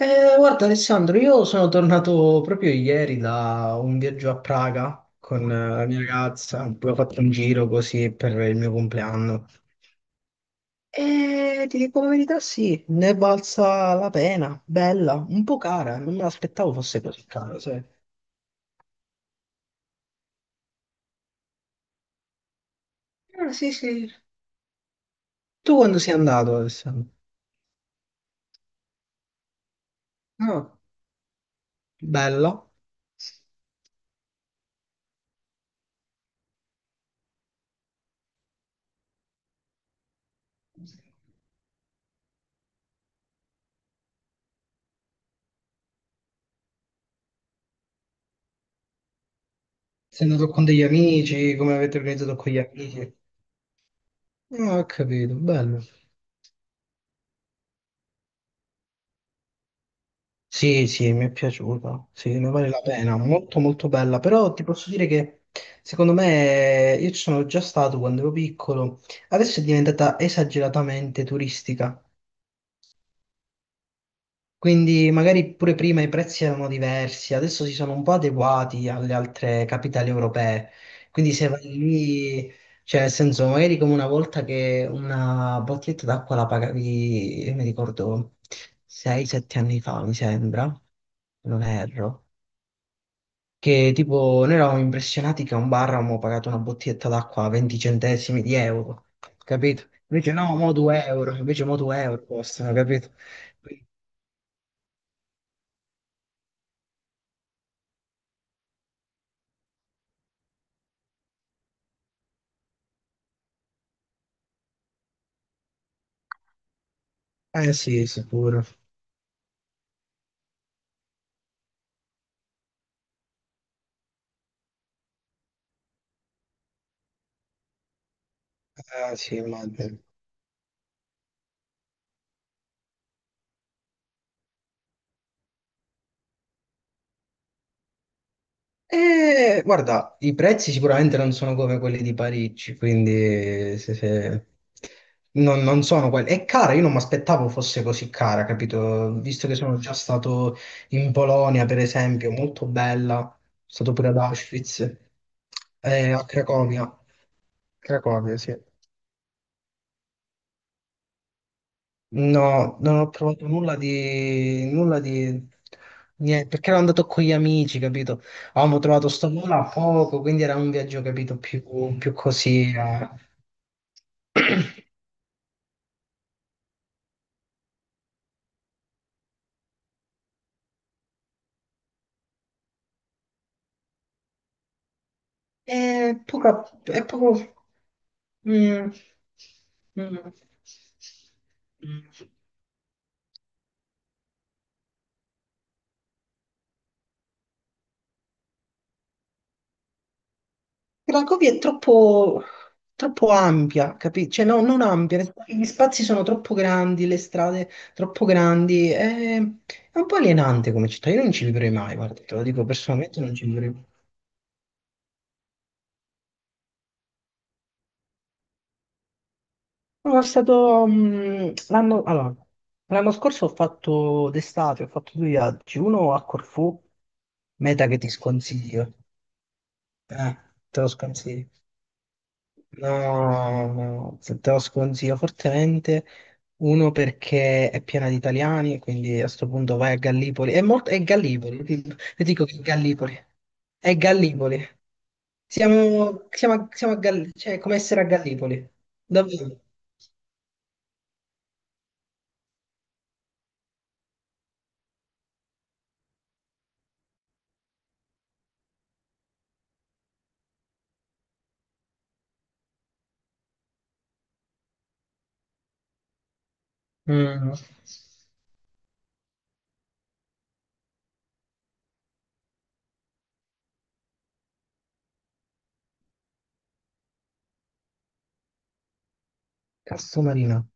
Guarda, Alessandro, io sono tornato proprio ieri da un viaggio a Praga con la mia ragazza, poi ho fatto un giro così per il mio compleanno. E ti dico la verità, sì, ne è valsa la pena, bella, un po' cara, non me l'aspettavo fosse così cara, sai. Ah, sì, sì. Tu quando sei andato, Alessandro? Ah, bella. Sei andato con degli amici? Come avete organizzato con gli amici? Ah, ho capito, bello. Sì, sì, mi è piaciuta, sì, ne vale la pena, molto molto bella, però ti posso dire che secondo me, io ci sono già stato quando ero piccolo, adesso è diventata esageratamente turistica, quindi magari pure prima i prezzi erano diversi, adesso si sono un po' adeguati alle altre capitali europee. Quindi, se vai lì, cioè nel senso, magari come una volta, che una bottiglietta d'acqua la pagavi, io mi ricordo 6-7 anni fa, mi sembra, se non erro. Che tipo, noi eravamo impressionati che a un bar avevamo pagato una bottiglietta d'acqua a 20 centesimi di euro, capito? Invece no, mo 2 euro, invece mo 2 euro costano, capito? Quindi- Eh sì, sicuro. Ah sì, immagino. Guarda, i prezzi sicuramente non sono come quelli di Parigi, quindi non sono quelli. È cara, io non mi aspettavo fosse così cara, capito? Visto che sono già stato in Polonia, per esempio, molto bella, sono stato pure ad Auschwitz, a Cracovia. Cracovia, sì. No, non ho provato nulla di... niente, perché ero andato con gli amici, capito? Avevamo trovato sto volo a poco, quindi era un viaggio, capito, più così. E poca... è poco... Mm, mm, mm. Cracovia è troppo, troppo ampia, capito? Cioè, no, non ampia, nel senso che gli spazi sono troppo grandi, le strade troppo grandi, è un po' alienante come città, io non ci vivrei mai, guarda, te lo dico personalmente, non ci vivrei mai. Sono stato, l'anno scorso, ho fatto d'estate, ho fatto due viaggi, uno a Corfù, meta che ti sconsiglio, eh, te lo sconsiglio. No, no, te lo sconsiglio fortemente. Uno, perché è piena di italiani, quindi a sto punto vai a Gallipoli. È Gallipoli, ti dico che è Gallipoli. È Gallipoli. Siamo a Gallipoli, cioè è come essere a Gallipoli. Davvero. Mm. Cazzo Marino.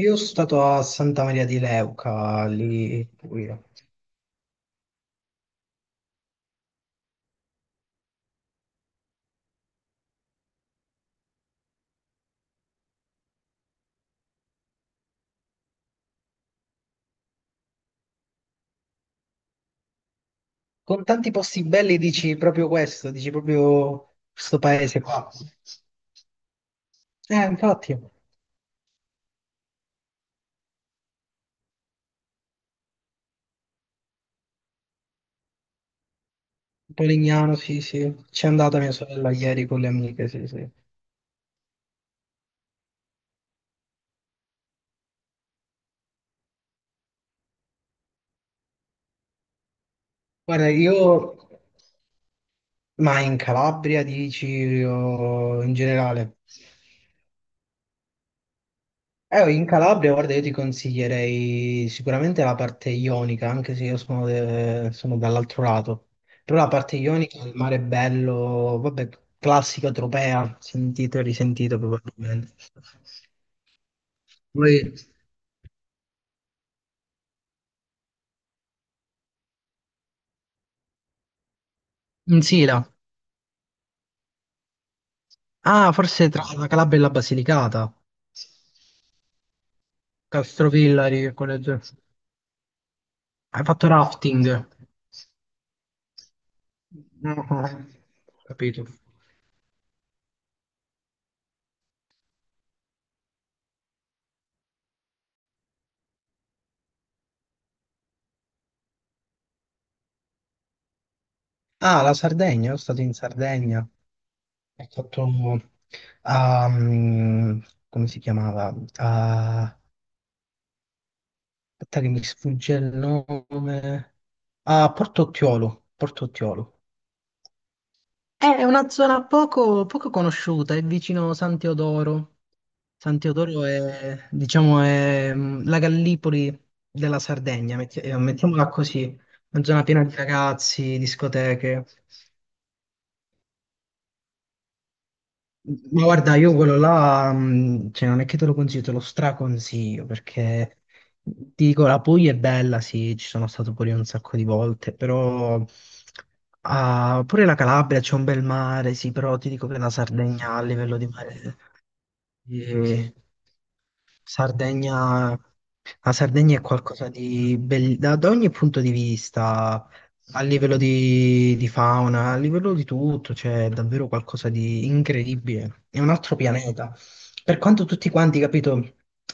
Io sono stato a Santa Maria di Leuca, lì, in Puglia. Con tanti posti belli dici proprio questo paese qua. Infatti. Polignano, sì, sì. C'è andata mia sorella ieri con le amiche, sì, sì. Guarda, io... Ma in Calabria, dici, o in generale? In Calabria, guarda, io ti consiglierei sicuramente la parte ionica, anche se io sono dall'altro lato. Però la parte ionica, il mare è bello. Vabbè, classica Tropea, sentito e risentito probabilmente. Poi in Sila. Ah, forse tra la Calabria e la Basilicata. Castrovillari, che collegio? Hai fatto rafting? No, ho capito. Ah, la Sardegna, io sono stato in Sardegna. Ho fatto... ah, mm, Come si chiamava? Ah, aspetta, che mi sfugge il nome. Ah, Porto Ottiolo, Porto Ottiolo. È una zona poco, poco conosciuta, è vicino San Teodoro. San Teodoro è, diciamo, la Gallipoli della Sardegna, mettiamola così, una zona piena di ragazzi, discoteche. Ma guarda, io quello là, cioè, non è che te lo consiglio, te lo straconsiglio, perché ti dico, la Puglia è bella, sì, ci sono stato pure io un sacco di volte, però pure la Calabria, c'è un bel mare, sì, però ti dico che la Sardegna, a livello di mare... E Sardegna, la Sardegna è qualcosa di bello da, ogni punto di vista, a livello di fauna, a livello di tutto, c'è davvero qualcosa di incredibile. È un altro pianeta. Per quanto tutti quanti, capito,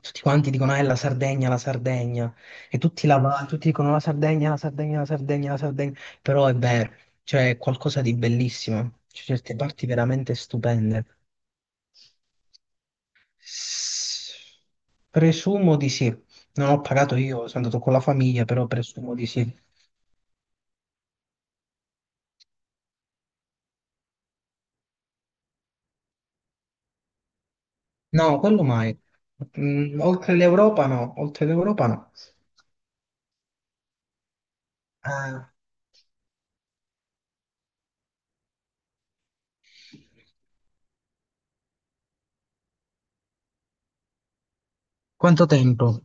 tutti quanti dicono, è la Sardegna, e tutti dicono la Sardegna, la Sardegna, la Sardegna, la Sardegna, però è vero, c'è qualcosa di bellissimo, c'è certe parti veramente stupende. Presumo di sì. Non ho pagato io, sono andato con la famiglia, però presumo di sì. No, quello mai. Mm, oltre l'Europa no, oltre l'Europa no. Eh, quanto tempo?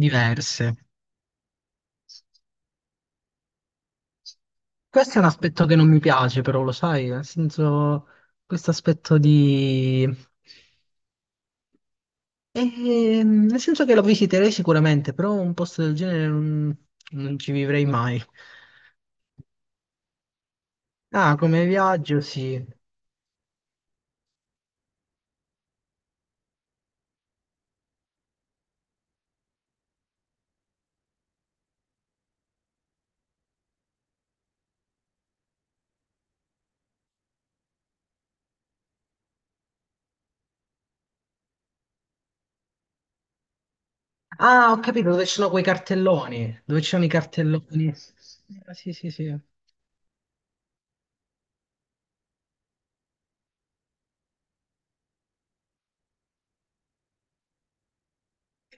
Diverse. Questo è un aspetto che non mi piace, però lo sai, nel senso, questo aspetto di... nel senso che lo visiterei sicuramente, però un posto del genere non ci vivrei mai. Ah, come viaggio sì. Ah, ho capito, dove ci sono quei cartelloni, dove ci sono i cartelloni. Ah, sì, sì, sì. E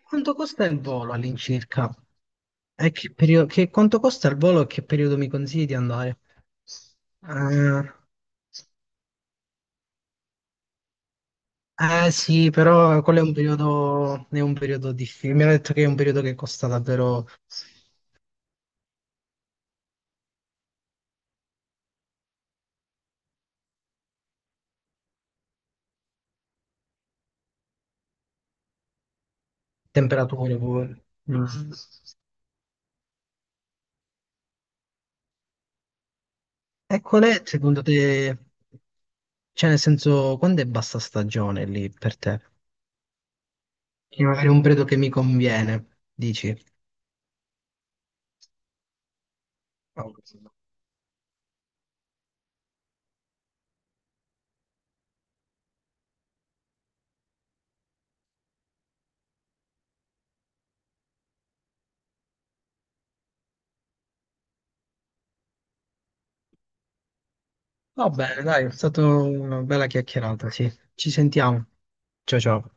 quanto costa il volo all'incirca? E che periodo, quanto costa il volo e che periodo mi consigli di andare? Ah, eh sì, però quello è un periodo, difficile. Mi hanno detto che è un periodo che costa davvero. Temperature pure. Mm. E qual è, secondo te, cioè nel senso, quando è bassa stagione lì per te? Quindi magari un periodo che mi conviene, dici. Oh. Va bene, dai, è stata una bella chiacchierata, sì. Ci sentiamo. Ciao ciao.